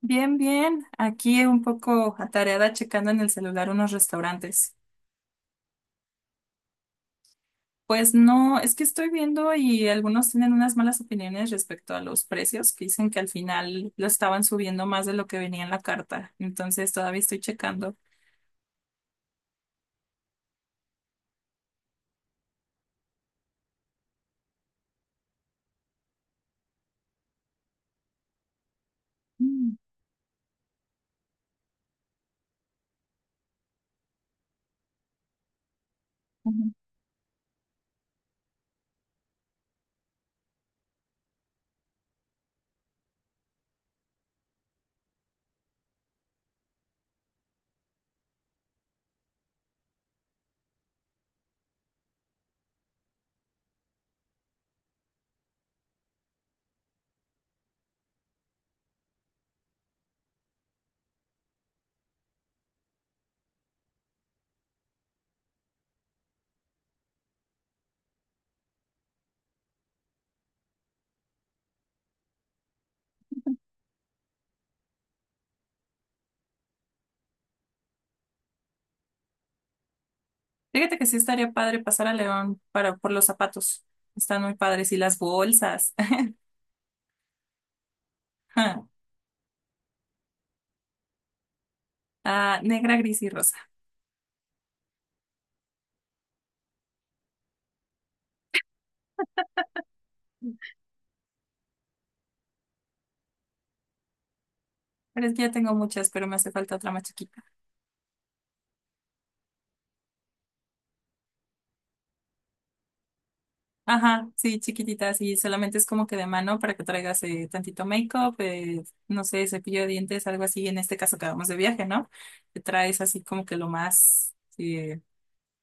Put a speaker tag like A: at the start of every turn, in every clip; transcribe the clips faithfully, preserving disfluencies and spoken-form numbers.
A: Bien, bien. Aquí un poco atareada checando en el celular unos restaurantes. Pues no, es que estoy viendo y algunos tienen unas malas opiniones respecto a los precios, que dicen que al final lo estaban subiendo más de lo que venía en la carta. Entonces todavía estoy checando. Mm, ujú. Fíjate que sí estaría padre pasar a León para, por los zapatos. Están muy padres y las bolsas. Ah, negra, gris y rosa. Pero es que ya tengo muchas, pero me hace falta otra más chiquita. Ajá, sí, chiquititas y solamente es como que de mano para que traigas eh, tantito make-up, eh, no sé, cepillo de dientes, algo así, en este caso que vamos de viaje, ¿no? Te traes así como que lo más, sí, eh,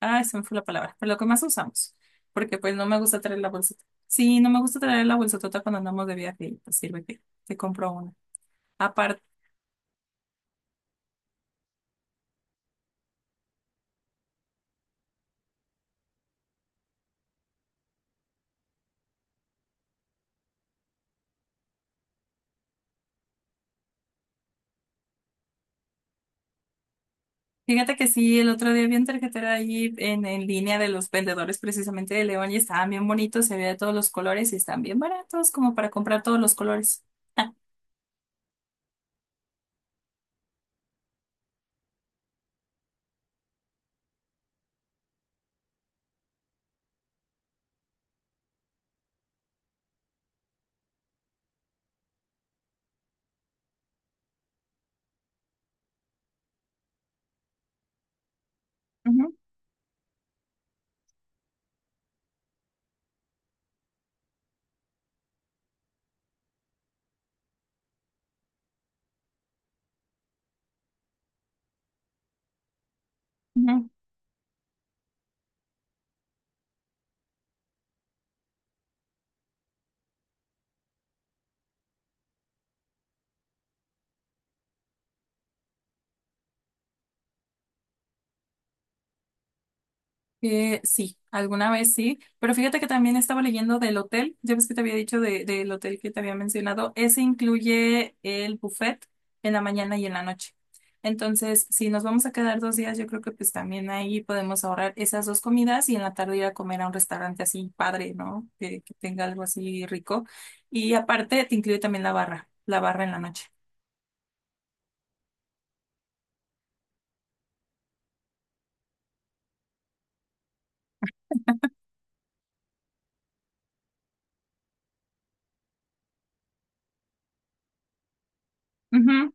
A: ay, se me fue la palabra, pero lo que más usamos, porque pues no me gusta traer la bolsita. Sí, no me gusta traer la bolsotota cuando andamos de viaje y pues sirve que te compro una. Fíjate que sí, el otro día vi un tarjetero ahí en, en línea de los vendedores precisamente de León y estaban bien bonitos, se veía de todos los colores y están bien baratos como para comprar todos los colores. Ah, ujú, ujú. Eh, sí, alguna vez sí, pero fíjate que también estaba leyendo del hotel, ya ves que te había dicho de- del hotel que te había mencionado, ese incluye el buffet en la mañana y en la noche. Entonces, si nos vamos a quedar dos días, yo creo que pues también ahí podemos ahorrar esas dos comidas y en la tarde ir a comer a un restaurante así padre, ¿no? Que, que tenga algo así rico. Y aparte te incluye también la barra, la barra en la noche. Ujú,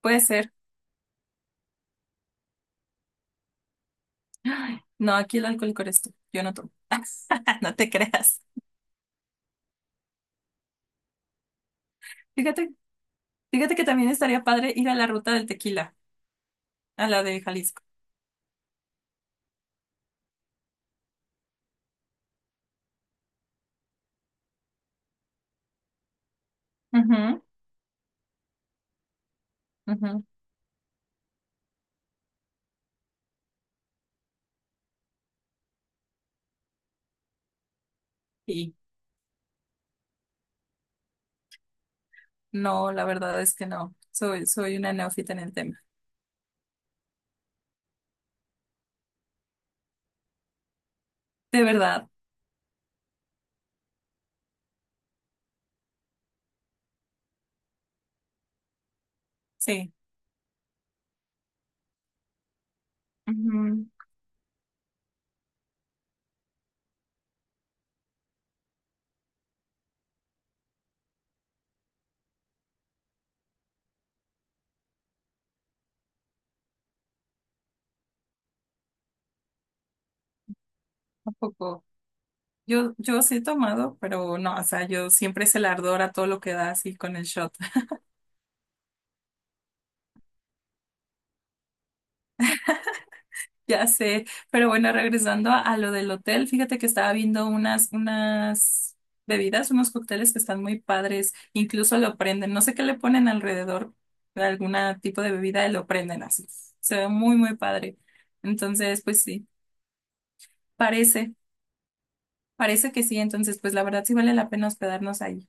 A: puede ser. Ay, no, aquí el alcohólico eres tú, yo no tomo. No te creas. Fíjate Fíjate que también estaría padre ir a la ruta del tequila, a la de Jalisco. Ujú, ujú. Y no, la verdad es que no. Soy, soy una neófita en el tema. De verdad, sí, ujú, tampoco. Yo, yo sí he tomado, pero no, o sea, yo siempre es el ardor a todo lo que da así con el shot. Ya sé, pero bueno, regresando a, a lo del hotel, fíjate que estaba viendo unas, unas bebidas, unos cócteles que están muy padres, incluso lo prenden, no sé qué le ponen alrededor de algún tipo de bebida, y lo prenden así, se ve muy, muy padre. Entonces, pues sí, parece, parece que sí, entonces, pues la verdad sí vale la pena hospedarnos ahí.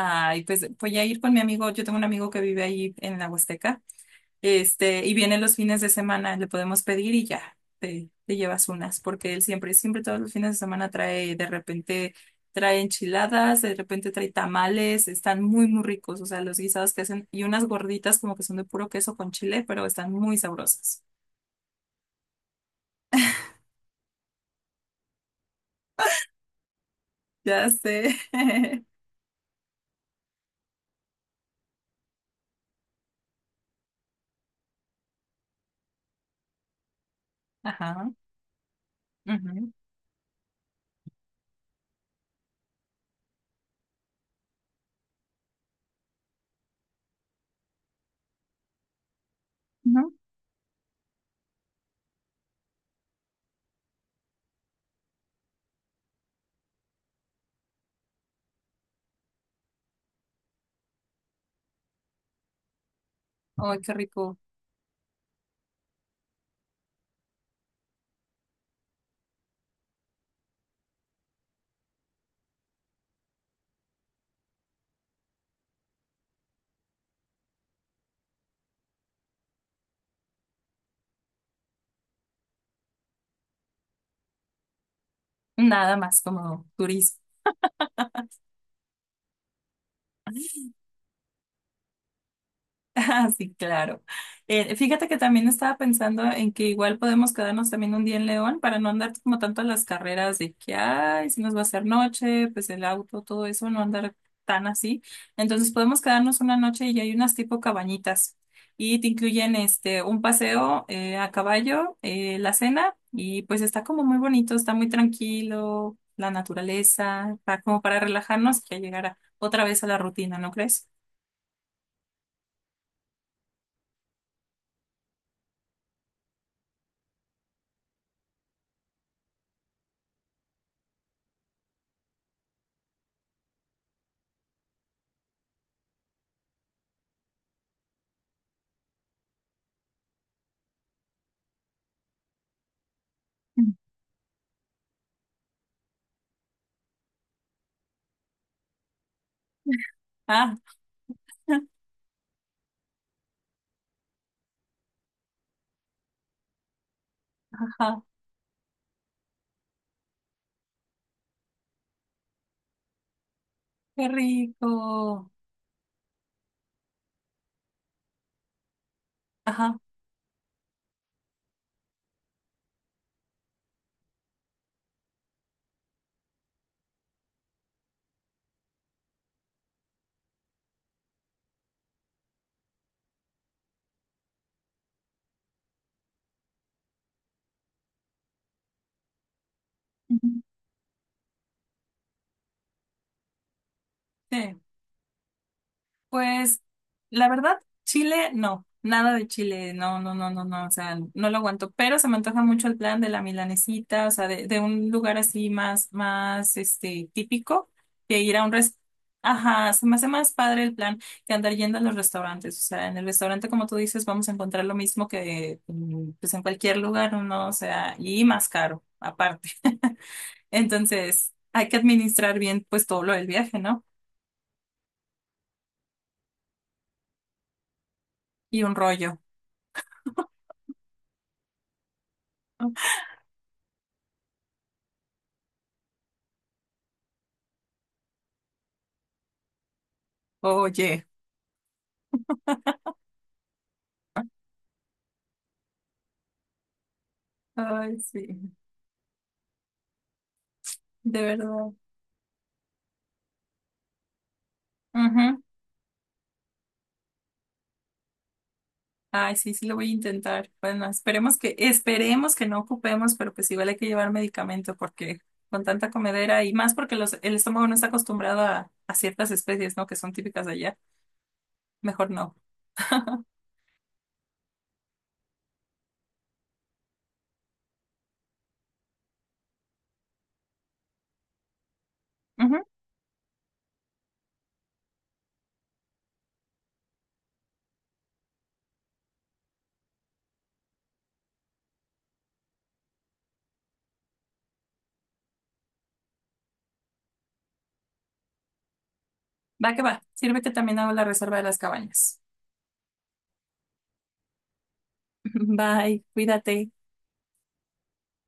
A: Ay, pues voy a ir con mi amigo, yo tengo un amigo que vive ahí en la Huasteca. Este, y vienen los fines de semana, le podemos pedir y ya, te, te llevas unas, porque él siempre, siempre todos los fines de semana trae, de repente trae enchiladas, de repente trae tamales, están muy, muy ricos, o sea, los guisados que hacen, y unas gorditas como que son de puro queso con chile, pero están muy sabrosas. Ya sé. Ajá, ujú, ujú. Ay, qué rico. Nada más como turismo. Ah, sí, claro. Eh, fíjate que también estaba pensando en que igual podemos quedarnos también un día en León para no andar como tanto a las carreras de que, ay, si nos va a hacer noche, pues el auto, todo eso, no andar tan así. Entonces podemos quedarnos una noche y hay unas tipo cabañitas y te incluyen este un paseo eh, a caballo, eh, la cena y pues está como muy bonito, está muy tranquilo, la naturaleza, para, como para relajarnos y ya llegar a- otra vez a la rutina, ¿no crees? Mm. Ah, ajá. Qué rico. Ajá. Ujú. Sí. Pues la verdad, chile, no, nada de chile, no, no, no, no, no, o sea, no lo aguanto, pero se me antoja mucho el plan de la milanesita, o sea, de, de un lugar así más, más, este, típico, de ir a un restaurante. Ajá, se me hace más padre el plan que andar yendo a los restaurantes, o sea, en el restaurante, como tú dices, vamos a encontrar lo mismo que, mm, pues, en cualquier lugar, ¿no? O sea, y más caro, aparte. Entonces, hay que administrar bien pues todo lo del viaje, ¿no? Y un rollo. Oye. Ay, sí, de verdad. Ujú. Ay, sí, sí lo voy a intentar. Bueno, esperemos que, esperemos que no ocupemos, pero pues igual hay que llevar medicamento porque con tanta comedera y más porque los, el estómago no está acostumbrado a, a ciertas especies, ¿no? Que son típicas de allá. Mejor no. Ujú. Va que va. Sirve que también hago la reserva de las cabañas. Bye, cuídate.